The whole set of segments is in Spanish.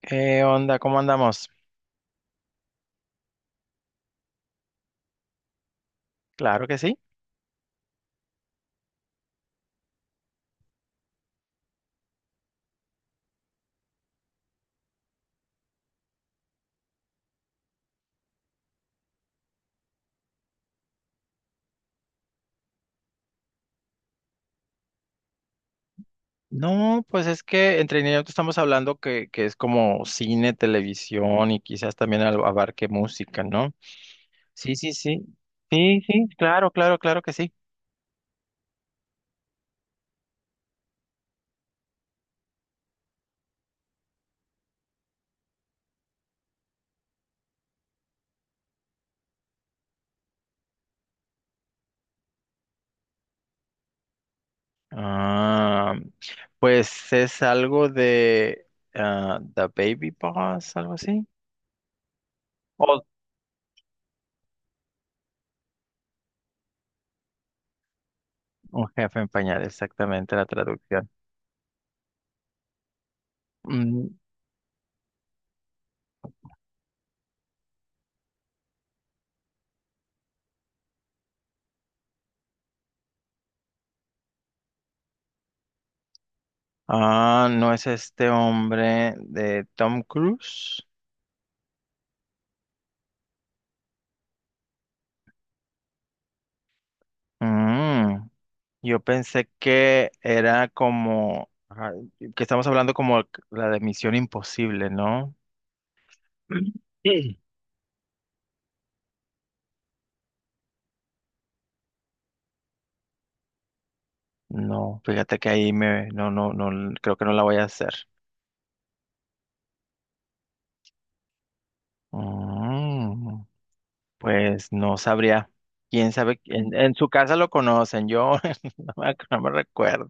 ¿Qué onda? ¿Cómo andamos? Claro que sí. No, pues es que entre entretenimiento estamos hablando que es como cine, televisión y quizás también abarque música, ¿no? Sí, sí, sí. Sí, sí, claro, claro, claro que sí. Ah, pues es algo de ah, The Baby Boss, algo así. O un jefe en pañal, exactamente la traducción. Mm. Ah, no es este hombre de Tom Cruise. Mm. Yo pensé que era como, ajá, que estamos hablando como la de Misión Imposible, ¿no? Sí. No, fíjate que ahí no, no, no, creo que no la voy a hacer. Mm, pues no sabría. Quién sabe, en su casa lo conocen, yo no me recuerdo.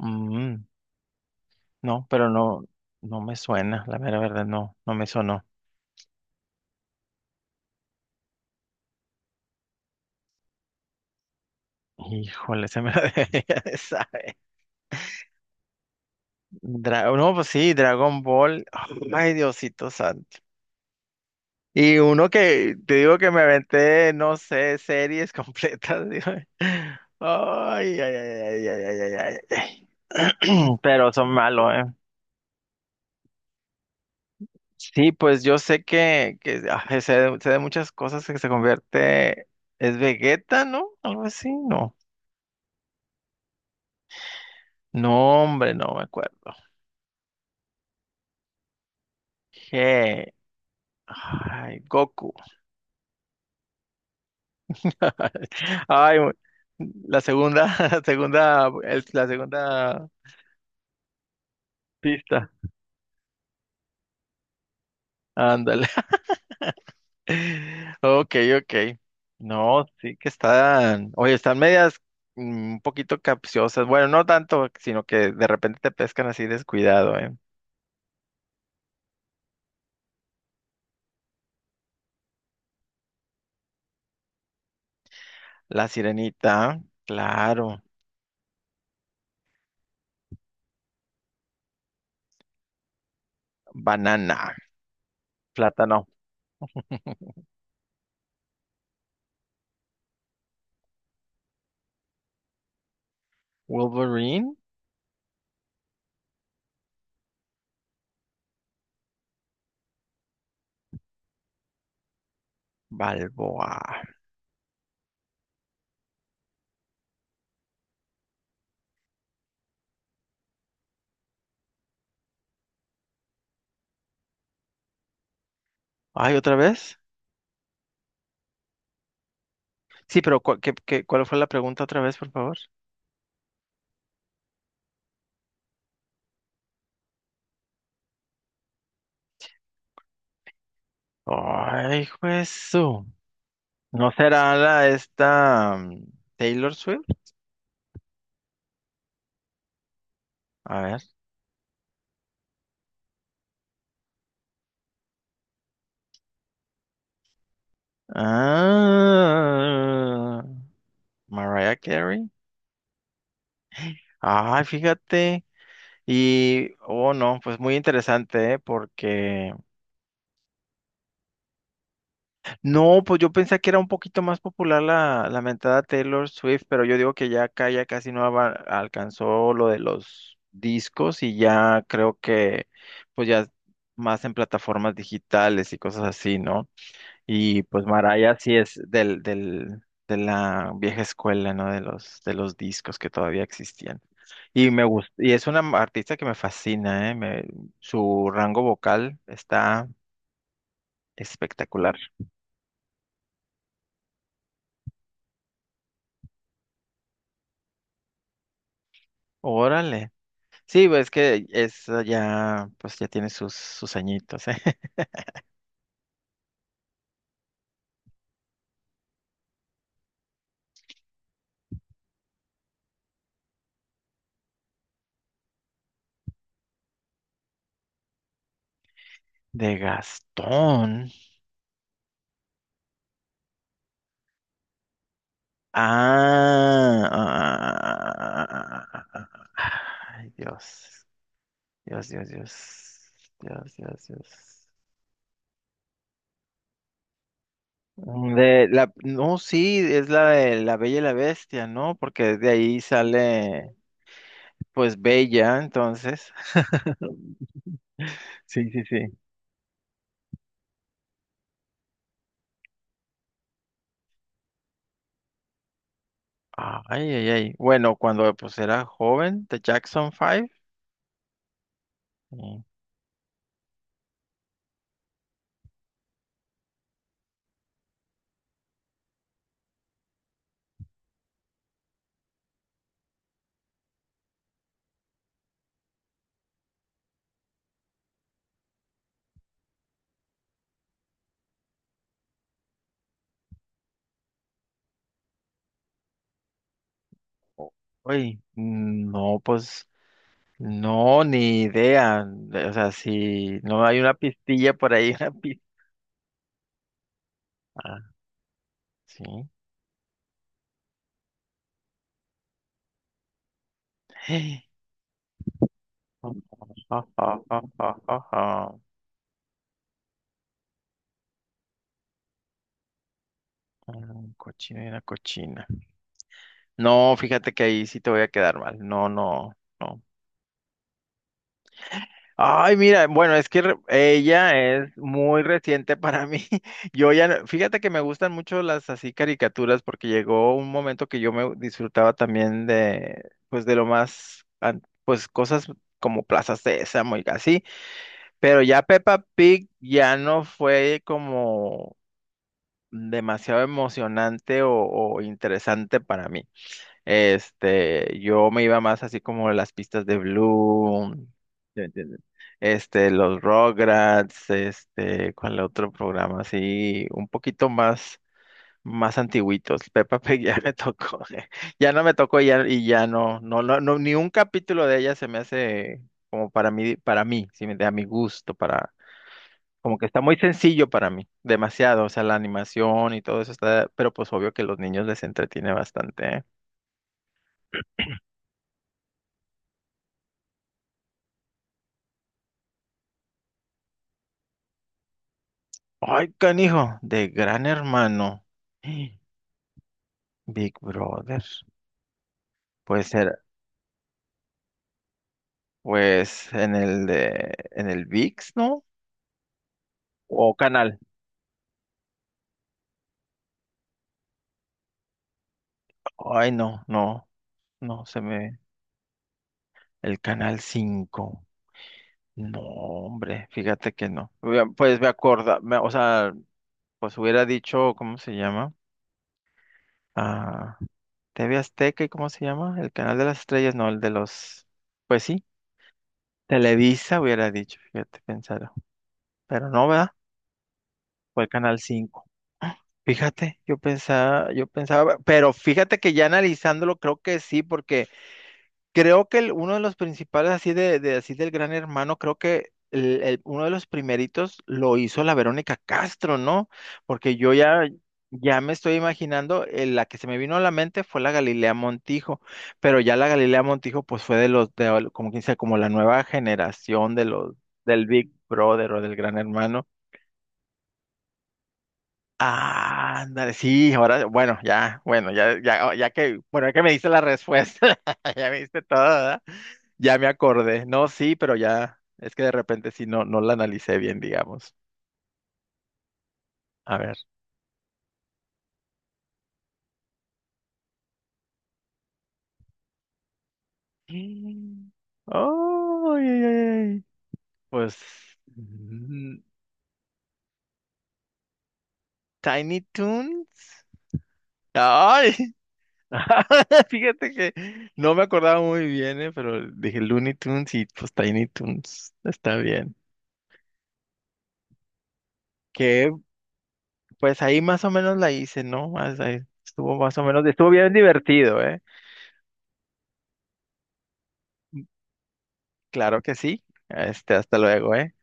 Mm, no, pero no, no me suena, la mera verdad, no, no me sonó. Híjole, se me la debería de saber. No, pues sí, Dragon Ball. Ay, Diosito santo. Y uno que te digo que me aventé, no sé, series completas. Digo, ay, ay, ay, ay, ay, ay, ay, ay, ay. Pero son malos, ¿eh? Sí, pues yo sé que ah, sé de muchas cosas que se convierte. ¿Es Vegeta, no? Algo así, no. No, hombre, no me acuerdo. Je- Ay, Goku. Ay, la segunda, la segunda, la segunda pista. Ándale. Ok, ok. No, sí que están, oye, están medias un poquito capciosas. Bueno, no tanto, sino que de repente te pescan así descuidado, ¿eh? La sirenita, claro. Banana, plátano. Wolverine, Balboa. Ay, ¿otra vez? Sí, pero ¿cuál, cuál fue la pregunta otra vez, por favor? Ay, eso. ¿No será la esta Taylor Swift? A ver. Ah, Mariah Carey. Ay, fíjate. Y, oh no, pues muy interesante, ¿eh? Porque, no, pues yo pensé que era un poquito más popular la mentada Taylor Swift, pero yo digo que ya acá ya casi no alcanzó lo de los discos y ya creo que, pues ya más en plataformas digitales y cosas así, ¿no? Y pues Maraya sí es de la vieja escuela, ¿no? De los discos que todavía existían. Y me gusta, y es una artista que me fascina, ¿eh? Su rango vocal está espectacular. Órale. Sí, pues es que es ya, pues ya tiene sus, sus añitos, ¿eh? De Gastón. Ah, ah, ah, ah, ah, ah, ah, ah. Ay, Dios. Dios, Dios, Dios. Dios, Dios, Dios. De la, no, sí, es la de La Bella y la Bestia, ¿no? Porque de ahí sale, pues, Bella, entonces. Sí, sí, sí. Ay, ay, ay. Bueno, cuando pues era joven, The Jackson Five. Eh, uy, no, pues, no, ni idea. O sea, si no hay una pistilla por ahí, una pista. Ah, sí. Ah, ah, ah, ah, ah, ah. Mm, cochina y una cochina. No, fíjate que ahí sí te voy a quedar mal. No, no, no. Ay, mira, bueno, es que ella es muy reciente para mí. Yo ya, fíjate que me gustan mucho las así caricaturas porque llegó un momento que yo me disfrutaba también de, pues de lo más, pues cosas como Plaza Sésamo y así, pero ya Peppa Pig ya no fue como demasiado emocionante o interesante para mí. Este, yo me iba más así como las pistas de Bloom, ¿sí me entiendes? Este, los Rugrats, este, ¿cuál otro programa? Así, más antiguitos. Peppa Pig ya me tocó, ya no me tocó y ya no, ni un capítulo de ella se me hace como para mí, ¿sí me entiendes? A mi gusto, para, como que está muy sencillo para mí, demasiado, o sea, la animación y todo eso está, pero pues obvio que los niños les entretiene bastante, ¿eh? Ay, canijo, de Gran Hermano. Big Brother. Puede ser, pues, en el VIX, ¿no? O Canal. Ay, no, no, no, el Canal Cinco. No, hombre, fíjate que no. Hubiera- pues o sea, pues hubiera dicho, ¿cómo se llama? Ah, TV Azteca y ¿cómo se llama? El Canal de las Estrellas, no, el de los, pues sí, Televisa hubiera dicho, fíjate, pensar. Pero no, ¿verdad? Fue el Canal Cinco. Fíjate, yo pensaba, pero fíjate que ya analizándolo creo que sí, porque creo que uno de los principales así de así del Gran Hermano, creo que uno de los primeritos lo hizo la Verónica Castro, ¿no? Porque yo ya ya me estoy imaginando, la que se me vino a la mente fue la Galilea Montijo, pero ya la Galilea Montijo pues fue de los como quien sea, como la nueva generación de los del Big Brother o del Gran Hermano. Ah, ándale, sí, ahora, bueno, ya, bueno, ya, ya, oh, ya que, bueno, ya que me diste la respuesta, ya me diste todo, ¿verdad? Ya me acordé. No, sí, pero ya, es que de repente sí, no, no la analicé bien, digamos. A ver. Mm. Oh, ay, ay, ay. Pues, mm, Tiny Toons. Ay, fíjate que no me acordaba muy bien, pero dije Looney Tunes y pues Tiny Toons, está bien. Qué pues ahí más o menos la hice, ¿no? Más- ahí estuvo más o menos, estuvo bien divertido, ¿eh? Claro que sí. Este, hasta luego, ¿eh?